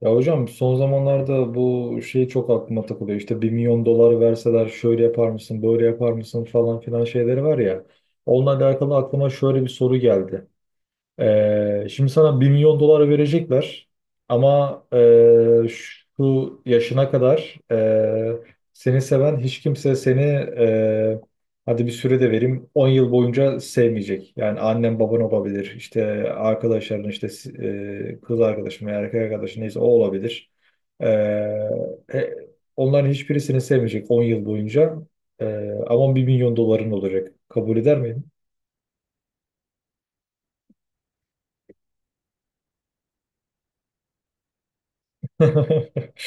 Ya hocam son zamanlarda bu şey çok aklıma takılıyor. İşte bir milyon dolar verseler şöyle yapar mısın, böyle yapar mısın falan filan şeyleri var ya. Onunla alakalı aklıma şöyle bir soru geldi. Şimdi sana bir milyon dolar verecekler ama şu yaşına kadar seni seven hiç kimse seni hadi bir süre de vereyim 10 yıl boyunca sevmeyecek. Yani annen baban olabilir, işte arkadaşların, işte kız arkadaşın veya erkek arkadaşın neyse o olabilir. Ee, e, Onların hiçbiri seni sevmeyecek 10 yıl boyunca. Ama bir milyon doların olacak. Kabul eder miydin?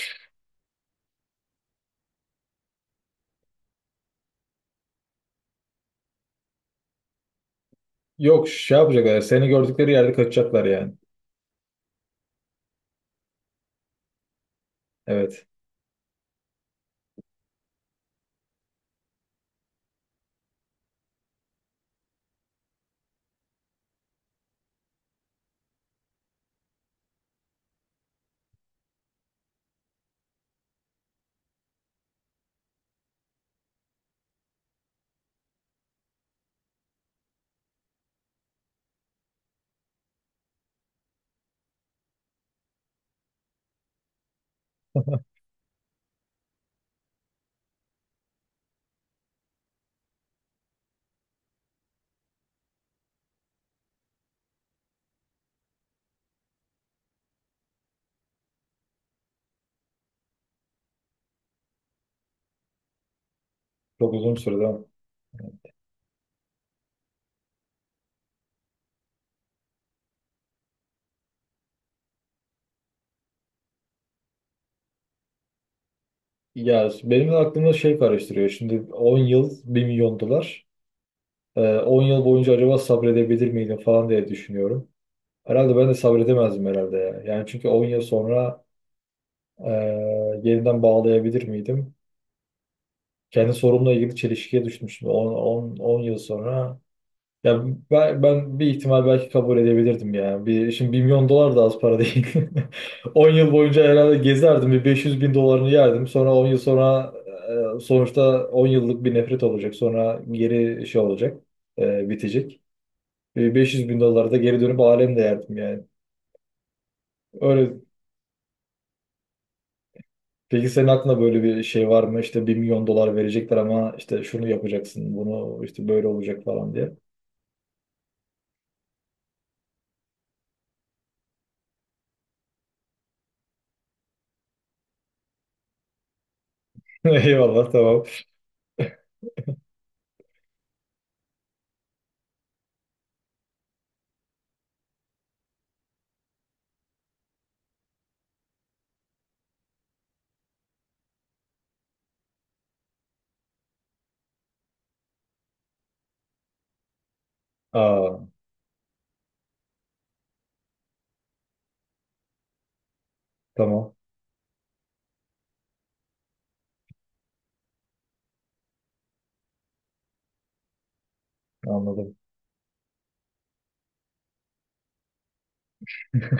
Yok, şey yapacaklar. Seni gördükleri yerde kaçacaklar yani. Evet. Çok uzun sürede ama. Ya benim de aklımda şey karıştırıyor. Şimdi 10 yıl bir milyon dolar. 10 yıl boyunca acaba sabredebilir miydim falan diye düşünüyorum. Herhalde ben de sabredemezdim herhalde ya. Yani çünkü 10 yıl sonra e, yeniden bağlayabilir miydim? Kendi sorumla ilgili çelişkiye düşmüştüm. 10 yıl sonra ya ben bir ihtimal belki kabul edebilirdim yani. Bir, şimdi 1 milyon dolar da az para değil. 10 yıl boyunca herhalde gezerdim. Bir 500 bin dolarını yerdim. Sonra 10 yıl sonra, sonuçta 10 yıllık bir nefret olacak. Sonra geri şey olacak, bitecek. Bir 500 bin doları da geri dönüp alemle yerdim yani. Öyle. Peki senin aklında böyle bir şey var mı? İşte bir milyon dolar verecekler ama işte şunu yapacaksın, bunu işte böyle olacak falan diye. Eyvallah, tamam. Aa, tamam, anladım.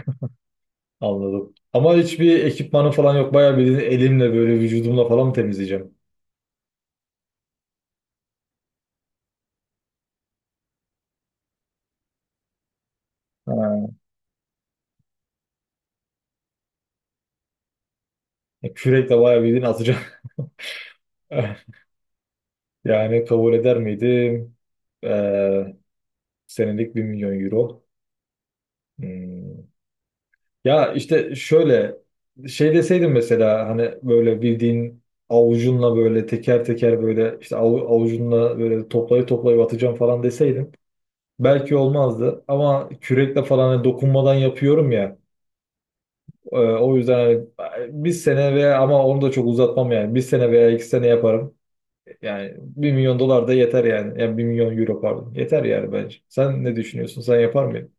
Anladım. Ama hiçbir ekipmanı falan yok. Bayağı bildiğin elimle böyle vücudumla falan mı temizleyeceğim? Ha. Kürekle bayağı bildiğin atacağım. Yani kabul eder miydim? Ee, Senelik 1 milyon euro. Hmm. Ya işte şöyle şey deseydin mesela, hani böyle bildiğin avucunla böyle teker teker böyle işte avucunla böyle toplayı toplayıp atacağım falan deseydin belki olmazdı ama kürekle falan hani dokunmadan yapıyorum ya, o yüzden hani bir sene veya, ama onu da çok uzatmam, yani bir sene veya iki sene yaparım, yani bir milyon dolar da yeter yani, yani bir milyon euro pardon yeter yani, bence sen ne düşünüyorsun, sen yapar mıydın?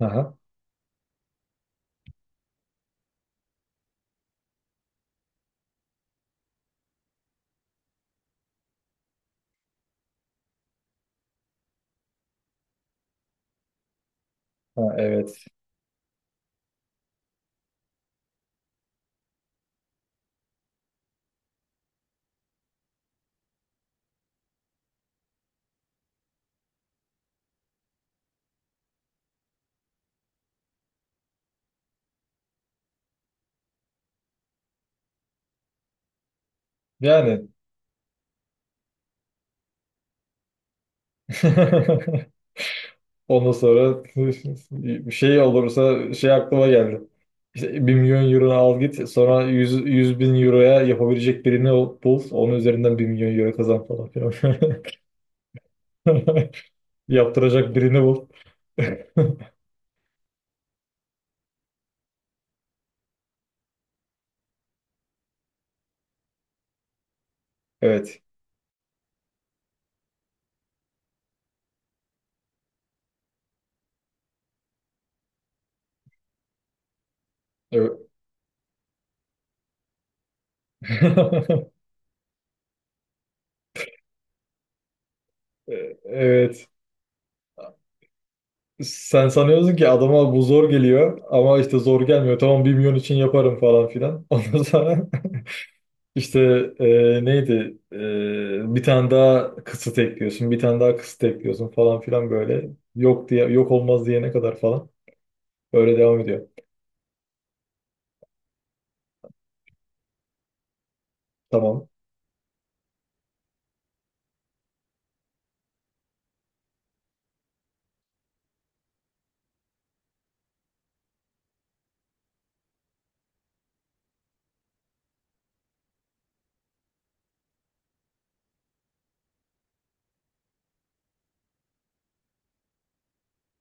Aha. Ha, evet. Yani ondan sonra bir şey olursa şey aklıma geldi. İşte 1 milyon euro al git, sonra 100 100 bin euroya yapabilecek birini bul. Onun üzerinden bir milyon euro kazan falan filan. Yaptıracak birini bul. Evet. Evet. Evet. Sen sanıyorsun ki adama bu zor geliyor ama işte zor gelmiyor. Tamam, bir milyon için yaparım falan filan. Ondan sonra İşte bir tane daha kısıt ekliyorsun, bir tane daha kısıt ekliyorsun falan filan, böyle yok diye, yok olmaz diyene kadar falan böyle devam ediyor. Tamam,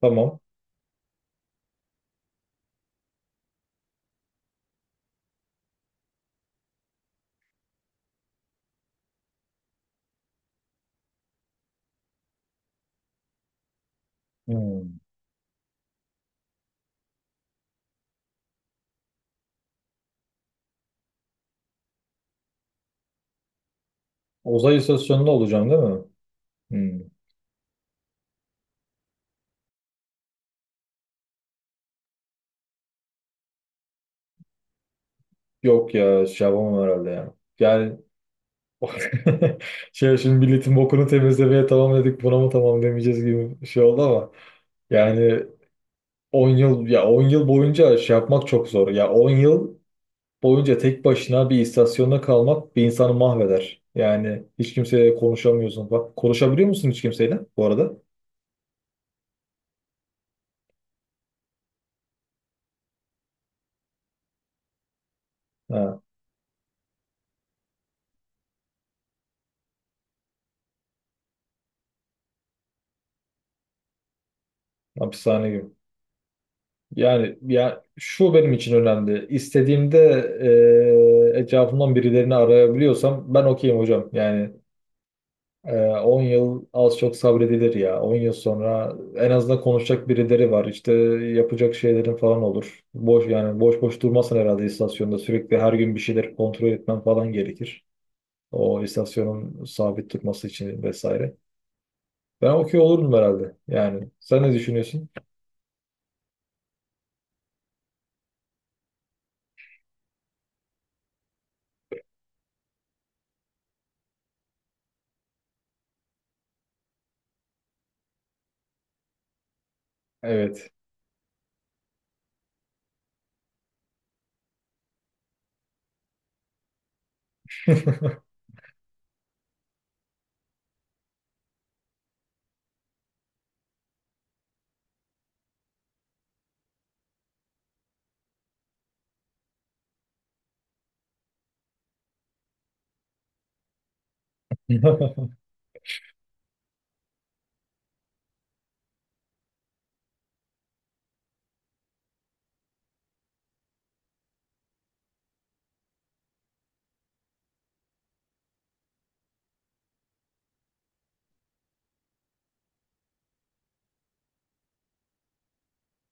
tamam. Hmm. Uzay istasyonunda olacağım değil mi? Hmm. Yok ya, şey yapamam herhalde ya. Yani şey, şimdi milletin bokunu temizlemeye tamam dedik, buna mı tamam demeyeceğiz gibi bir şey oldu ama yani 10 yıl, ya 10 yıl boyunca şey yapmak çok zor. Ya 10 yıl boyunca tek başına bir istasyonda kalmak bir insanı mahveder. Yani hiç kimseyle konuşamıyorsun. Bak konuşabiliyor musun hiç kimseyle bu arada? Ha, hapishane gibi. Yani ya şu benim için önemli. İstediğimde etrafımdan birilerini arayabiliyorsam ben okeyim hocam. Yani 10 yıl az çok sabredilir ya. 10 yıl sonra en azından konuşacak birileri var. İşte yapacak şeylerin falan olur. Boş yani, boş boş durmasın herhalde istasyonda. Sürekli her gün bir şeyler kontrol etmen falan gerekir. O istasyonun sabit durması için vesaire. Ben okey olurdum herhalde. Yani sen ne düşünüyorsun? Evet.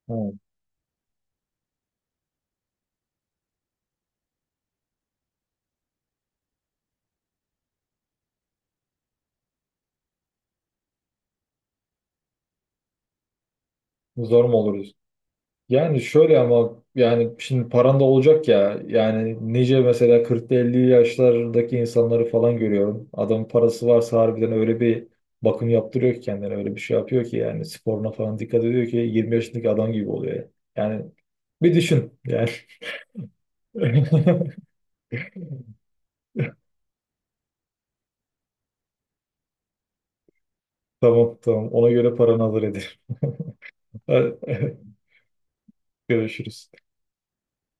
Ha, zor mu oluruz? Yani şöyle, ama yani şimdi paran da olacak ya. Yani nice mesela kırk, elli yaşlardaki insanları falan görüyorum. Adamın parası varsa harbiden öyle bir bakım yaptırıyor ki kendine, öyle bir şey yapıyor ki yani, sporuna falan dikkat ediyor ki 20 yaşındaki adam gibi oluyor. Yani bir düşün yani. Tamam, tamam, ona göre paranı hazır hadi, görüşürüz.